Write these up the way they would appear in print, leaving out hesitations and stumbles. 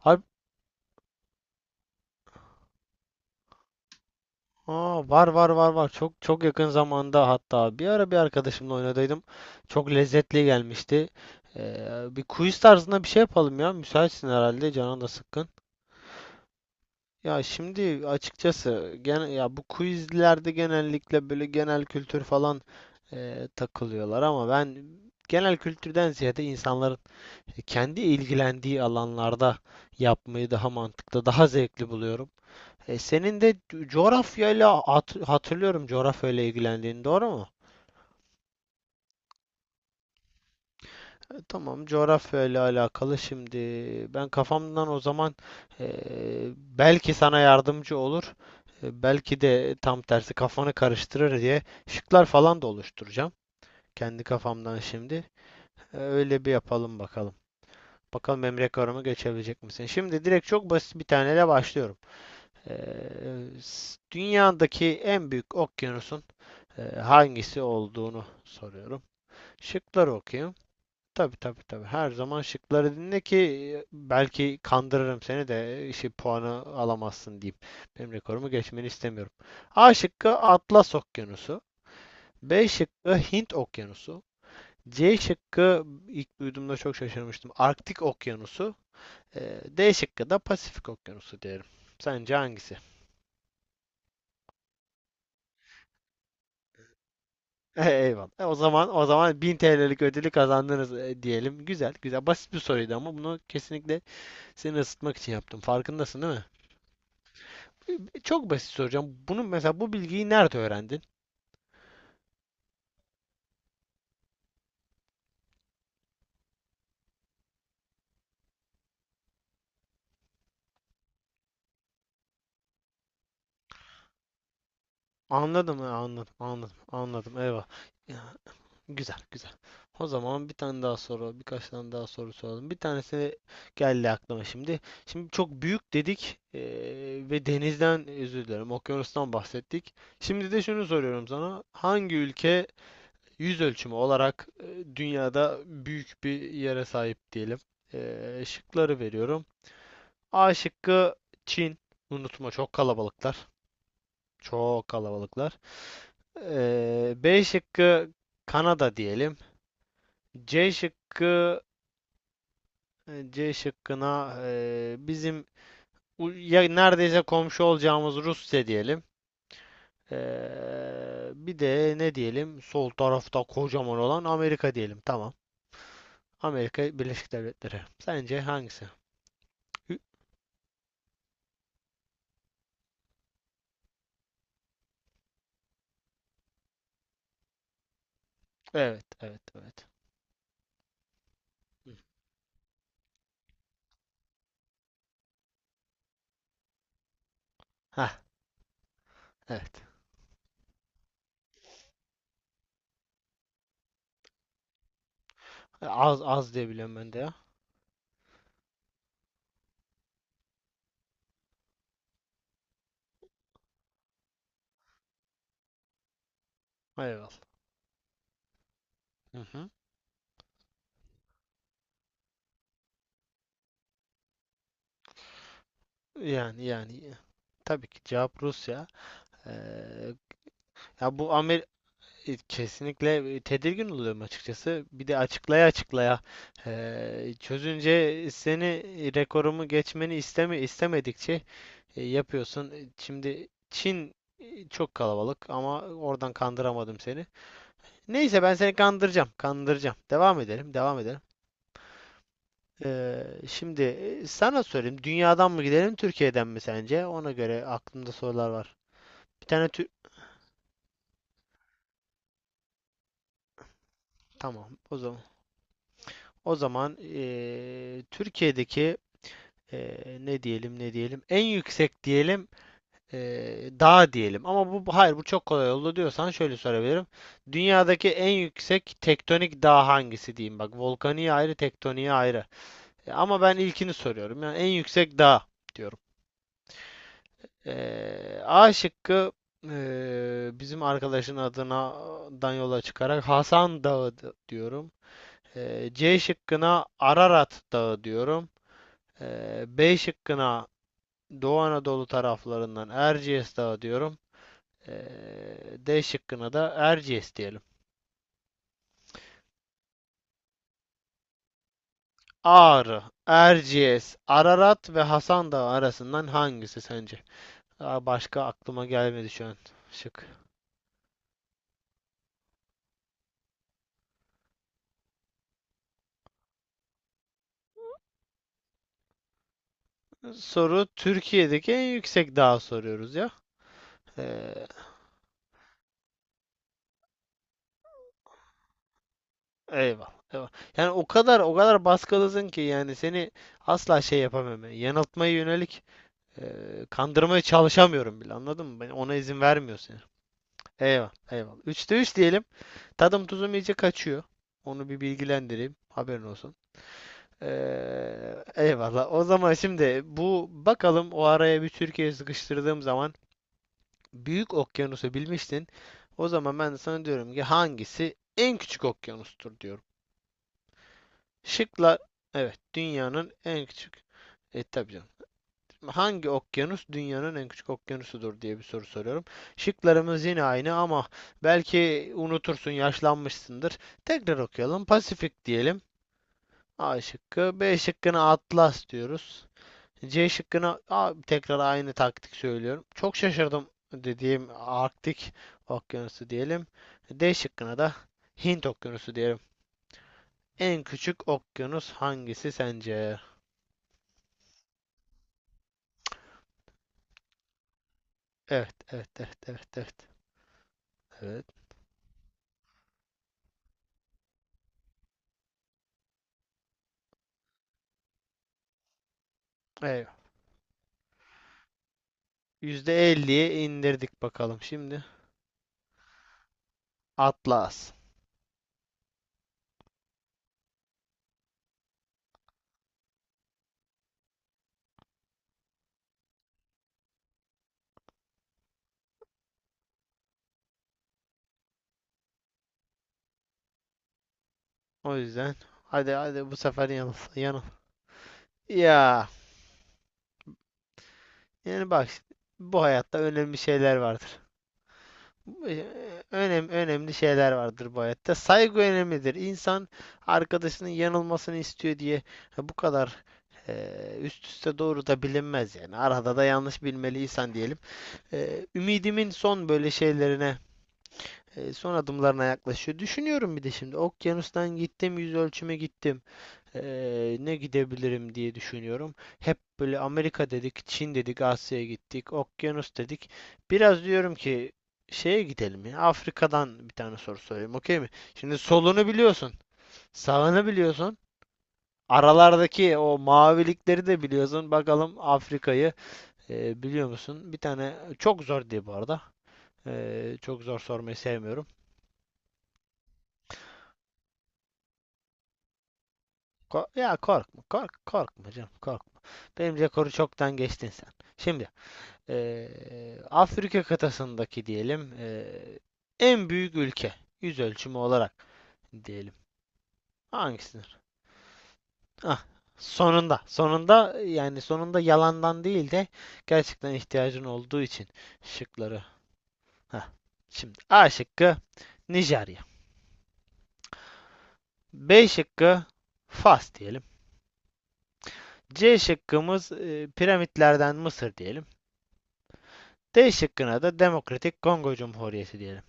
Harp. Aa, var var var var çok çok yakın zamanda hatta bir ara bir arkadaşımla oynadaydım. Çok lezzetli gelmişti. Bir quiz tarzında bir şey yapalım ya. Müsaitsin herhalde, canın da sıkkın. Ya şimdi açıkçası gene ya bu quizlerde genellikle böyle genel kültür falan takılıyorlar, ama ben genel kültürden ziyade insanların kendi ilgilendiği alanlarda yapmayı daha mantıklı, daha zevkli buluyorum. Senin de coğrafyayla hatırlıyorum, coğrafyayla ilgilendiğini, doğru mu? Tamam, coğrafyayla alakalı şimdi, ben kafamdan o zaman, e, belki sana yardımcı olur, belki de tam tersi kafanı karıştırır diye şıklar falan da oluşturacağım. Kendi kafamdan şimdi. Öyle bir yapalım bakalım. Bakalım Emre Karım'ı geçebilecek misin? Şimdi direkt çok basit bir taneyle başlıyorum. E, Dünyadaki en büyük okyanusun hangisi olduğunu soruyorum. Şıkları okuyayım. Tabii tabii tabii. Her zaman şıkları dinle ki belki kandırırım seni de işi, puanı alamazsın diyeyim. Benim rekorumu geçmeni istemiyorum. A şıkkı Atlas Okyanusu. B şıkkı Hint Okyanusu. C şıkkı, ilk duyduğumda çok şaşırmıştım, Arktik Okyanusu. D şıkkı da Pasifik Okyanusu diyelim. Sence hangisi? Eyvallah. O zaman o zaman 1000 TL'lik ödülü kazandınız diyelim. Güzel, güzel. Basit bir soruydu ama bunu kesinlikle seni ısıtmak için yaptım. Farkındasın değil mi? Çok basit soracağım. Bunu mesela, bu bilgiyi nerede öğrendin? Anladım, anladım, anladım, anladım. Eyvallah. Ya, güzel, güzel. O zaman bir tane daha soru, birkaç tane daha soru soralım. Bir tanesi geldi aklıma şimdi. Şimdi çok büyük dedik, ve denizden, özür dilerim, okyanustan bahsettik. Şimdi de şunu soruyorum sana. Hangi ülke yüz ölçümü olarak dünyada büyük bir yere sahip diyelim. Şıkları veriyorum. A şıkkı Çin. Unutma, çok kalabalıklar. Çok kalabalıklar. B şıkkı Kanada diyelim. C şıkkı C şıkkına, bizim ya neredeyse komşu olacağımız, Rusya diyelim. Bir de ne diyelim? Sol tarafta kocaman olan Amerika diyelim. Tamam. Amerika Birleşik Devletleri. Sence hangisi? Hı, evet, evet, evet. Ha, evet. Az az diye biliyorum ben de ya. Eyvallah. Hı hı. Yani tabii ki cevap Rusya. Ee, Ya kesinlikle tedirgin oluyorum açıkçası. Bir de açıklaya açıklaya, çözünce seni, rekorumu geçmeni istemedikçe yapıyorsun. Şimdi Çin çok kalabalık ama oradan kandıramadım seni. Neyse, ben seni kandıracağım, kandıracağım. Devam edelim, devam edelim. Şimdi sana sorayım. Dünyadan mı gidelim, Türkiye'den mi sence? Ona göre aklımda sorular var. Bir tane tü... Tamam, o zaman. O zaman Türkiye'deki e, ne diyelim en yüksek diyelim e, dağ diyelim. Ama hayır, bu çok kolay oldu diyorsan şöyle sorabilirim. Dünyadaki en yüksek tektonik dağ hangisi diyeyim bak. Volkaniği ayrı, tektoniği ayrı. Ama ben ilkini soruyorum. Yani en yüksek dağ diyorum. A şıkkı, bizim arkadaşın adından yola çıkarak Hasan Dağı diyorum. C şıkkına Ararat Dağı diyorum. B şıkkına Doğu Anadolu taraflarından Erciyes Dağı diyorum. D şıkkına da Erciyes diyelim. Ağrı, Erciyes, Ararat ve Hasan Dağı arasından hangisi sence? Daha başka aklıma gelmedi şu an, şık. Soru Türkiye'deki en yüksek dağı soruyoruz ya. Ee, Eyvallah, eyvallah. Yani o kadar o kadar baskılısın ki, yani seni asla şey yapamıyorum, yani, yanıltmaya yönelik kandırmaya çalışamıyorum bile. Anladın mı? Ben ona izin vermiyorsun yani. Eyvallah, eyvallah. Üçte üç diyelim. Tadım tuzum iyice kaçıyor. Onu bir bilgilendireyim. Haberin olsun. Eyvallah. O zaman şimdi, bu bakalım, o araya bir Türkiye sıkıştırdığım zaman, büyük okyanusu bilmiştin. O zaman ben de sana diyorum ki hangisi en küçük okyanustur diyorum. Şıklar, evet, dünyanın en küçük, tabii canım. Hangi okyanus dünyanın en küçük okyanusudur diye bir soru soruyorum. Şıklarımız yine aynı, ama belki unutursun, yaşlanmışsındır. Tekrar okuyalım. Pasifik diyelim. A şıkkı. B şıkkına Atlas diyoruz. C şıkkına, a, tekrar aynı taktik söylüyorum, çok şaşırdım dediğim Arktik Okyanusu diyelim. D şıkkına da Hint Okyanusu diyelim. En küçük okyanus hangisi sence? Evet, evet, evet, evet, evet. Evet. Evet. Yüzde elliye indirdik bakalım şimdi. Atlas. O yüzden hadi hadi bu sefer yanıl. Yanıl. Ya, yani bak, bu hayatta önemli şeyler vardır. Önemli şeyler vardır bu hayatta. Saygı önemlidir. İnsan arkadaşının yanılmasını istiyor diye bu kadar üst üste doğru da bilinmez yani. Arada da yanlış bilmeli insan diyelim. Ümidimin son böyle şeylerine, son adımlarına yaklaşıyor. Düşünüyorum, bir de şimdi okyanustan gittim, yüz ölçüme gittim. Ne gidebilirim diye düşünüyorum. Hep böyle Amerika dedik, Çin dedik, Asya'ya gittik, okyanus dedik. Biraz diyorum ki şeye gidelim ya. Afrika'dan bir tane soru sorayım, okey mi? Şimdi solunu biliyorsun, sağını biliyorsun. Aralardaki o mavilikleri de biliyorsun. Bakalım Afrika'yı biliyor musun? Bir tane çok zor diye bu arada. Çok zor sormayı sevmiyorum. Ya korkma, korkma canım, korkma. Benim rekoru çoktan geçtin sen. Şimdi Afrika kıtasındaki diyelim, en büyük ülke yüz ölçümü olarak diyelim. Hangisidir? Ah, sonunda, sonunda, yani sonunda, yalandan değil de gerçekten ihtiyacın olduğu için şıkları. Heh. Şimdi A şıkkı Nijerya. B şıkkı Fas diyelim. C şıkkımız, piramitlerden Mısır diyelim. D şıkkına da Demokratik Kongo Cumhuriyeti diyelim.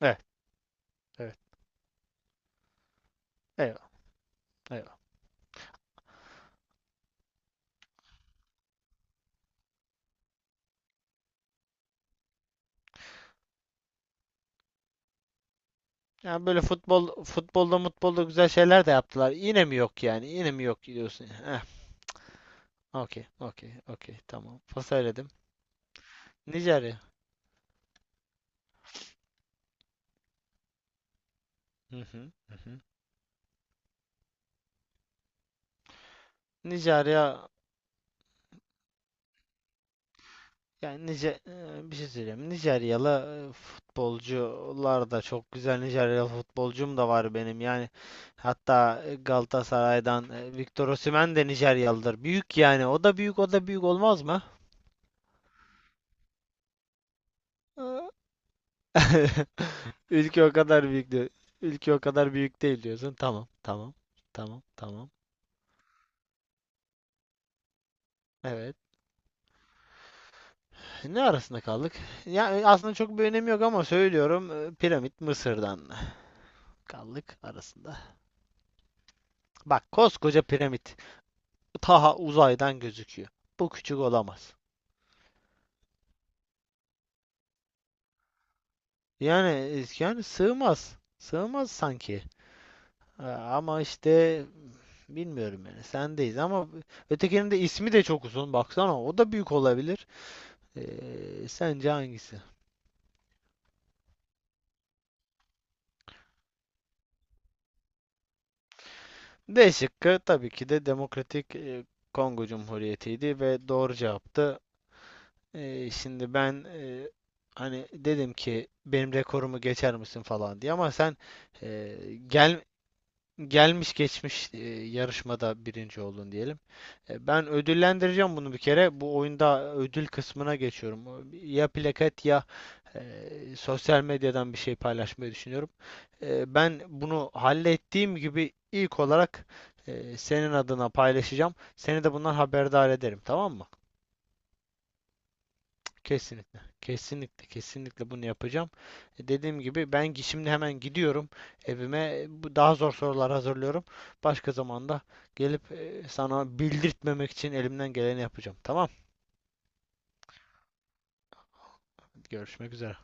Evet, evet. Eyvallah, eyvallah. Yani böyle futbol, futbolda, mutbolda güzel şeyler de yaptılar. Yine mi yok yani? Yine mi yok diyorsun? Heh, okey, okey, okey. Tamam. Pasayladım. Nijerya. Hı hı, hı hı. Nijerya, yani Nice bir şey söyleyeyim. Nijeryalı futbolcular da çok güzel. Nijeryalı futbolcum da var benim. Yani hatta Galatasaray'dan Victor Osimhen de Nijeryalıdır. Büyük yani. O da büyük, o da büyük olmaz mı? Ülke o kadar büyük diyor. Ülke o kadar büyük değil diyorsun. Tamam, tamam, tamam, tamam. Evet. Ne arasında kaldık? Ya aslında çok bir önemi yok ama söylüyorum. Piramit Mısır'dan kaldık arasında. Bak, koskoca piramit. Taha uzaydan gözüküyor. Bu küçük olamaz. Yani, yani sığmaz. Sığmaz sanki. Ha. Ama işte bilmiyorum yani, sendeyiz ama, ötekinin de ismi de çok uzun, baksana, o da büyük olabilir. Sence hangisi? D şıkkı tabii ki de Demokratik, Kongo Cumhuriyeti'ydi ve doğru cevaptı. Şimdi ben, hani dedim ki benim rekorumu geçer misin falan diye, ama sen, e, gel gelmiş geçmiş yarışmada birinci oldun diyelim. Ben ödüllendireceğim bunu bir kere. Bu oyunda ödül kısmına geçiyorum. Ya plaket ya e, sosyal medyadan bir şey paylaşmayı düşünüyorum. Ben bunu hallettiğim gibi ilk olarak senin adına paylaşacağım. Seni de bundan haberdar ederim, tamam mı? Kesinlikle. Kesinlikle, kesinlikle bunu yapacağım. Dediğim gibi, ben şimdi hemen gidiyorum evime. Bu daha zor sorular hazırlıyorum. Başka zamanda gelip sana bildirtmemek için elimden geleni yapacağım. Tamam? Görüşmek üzere.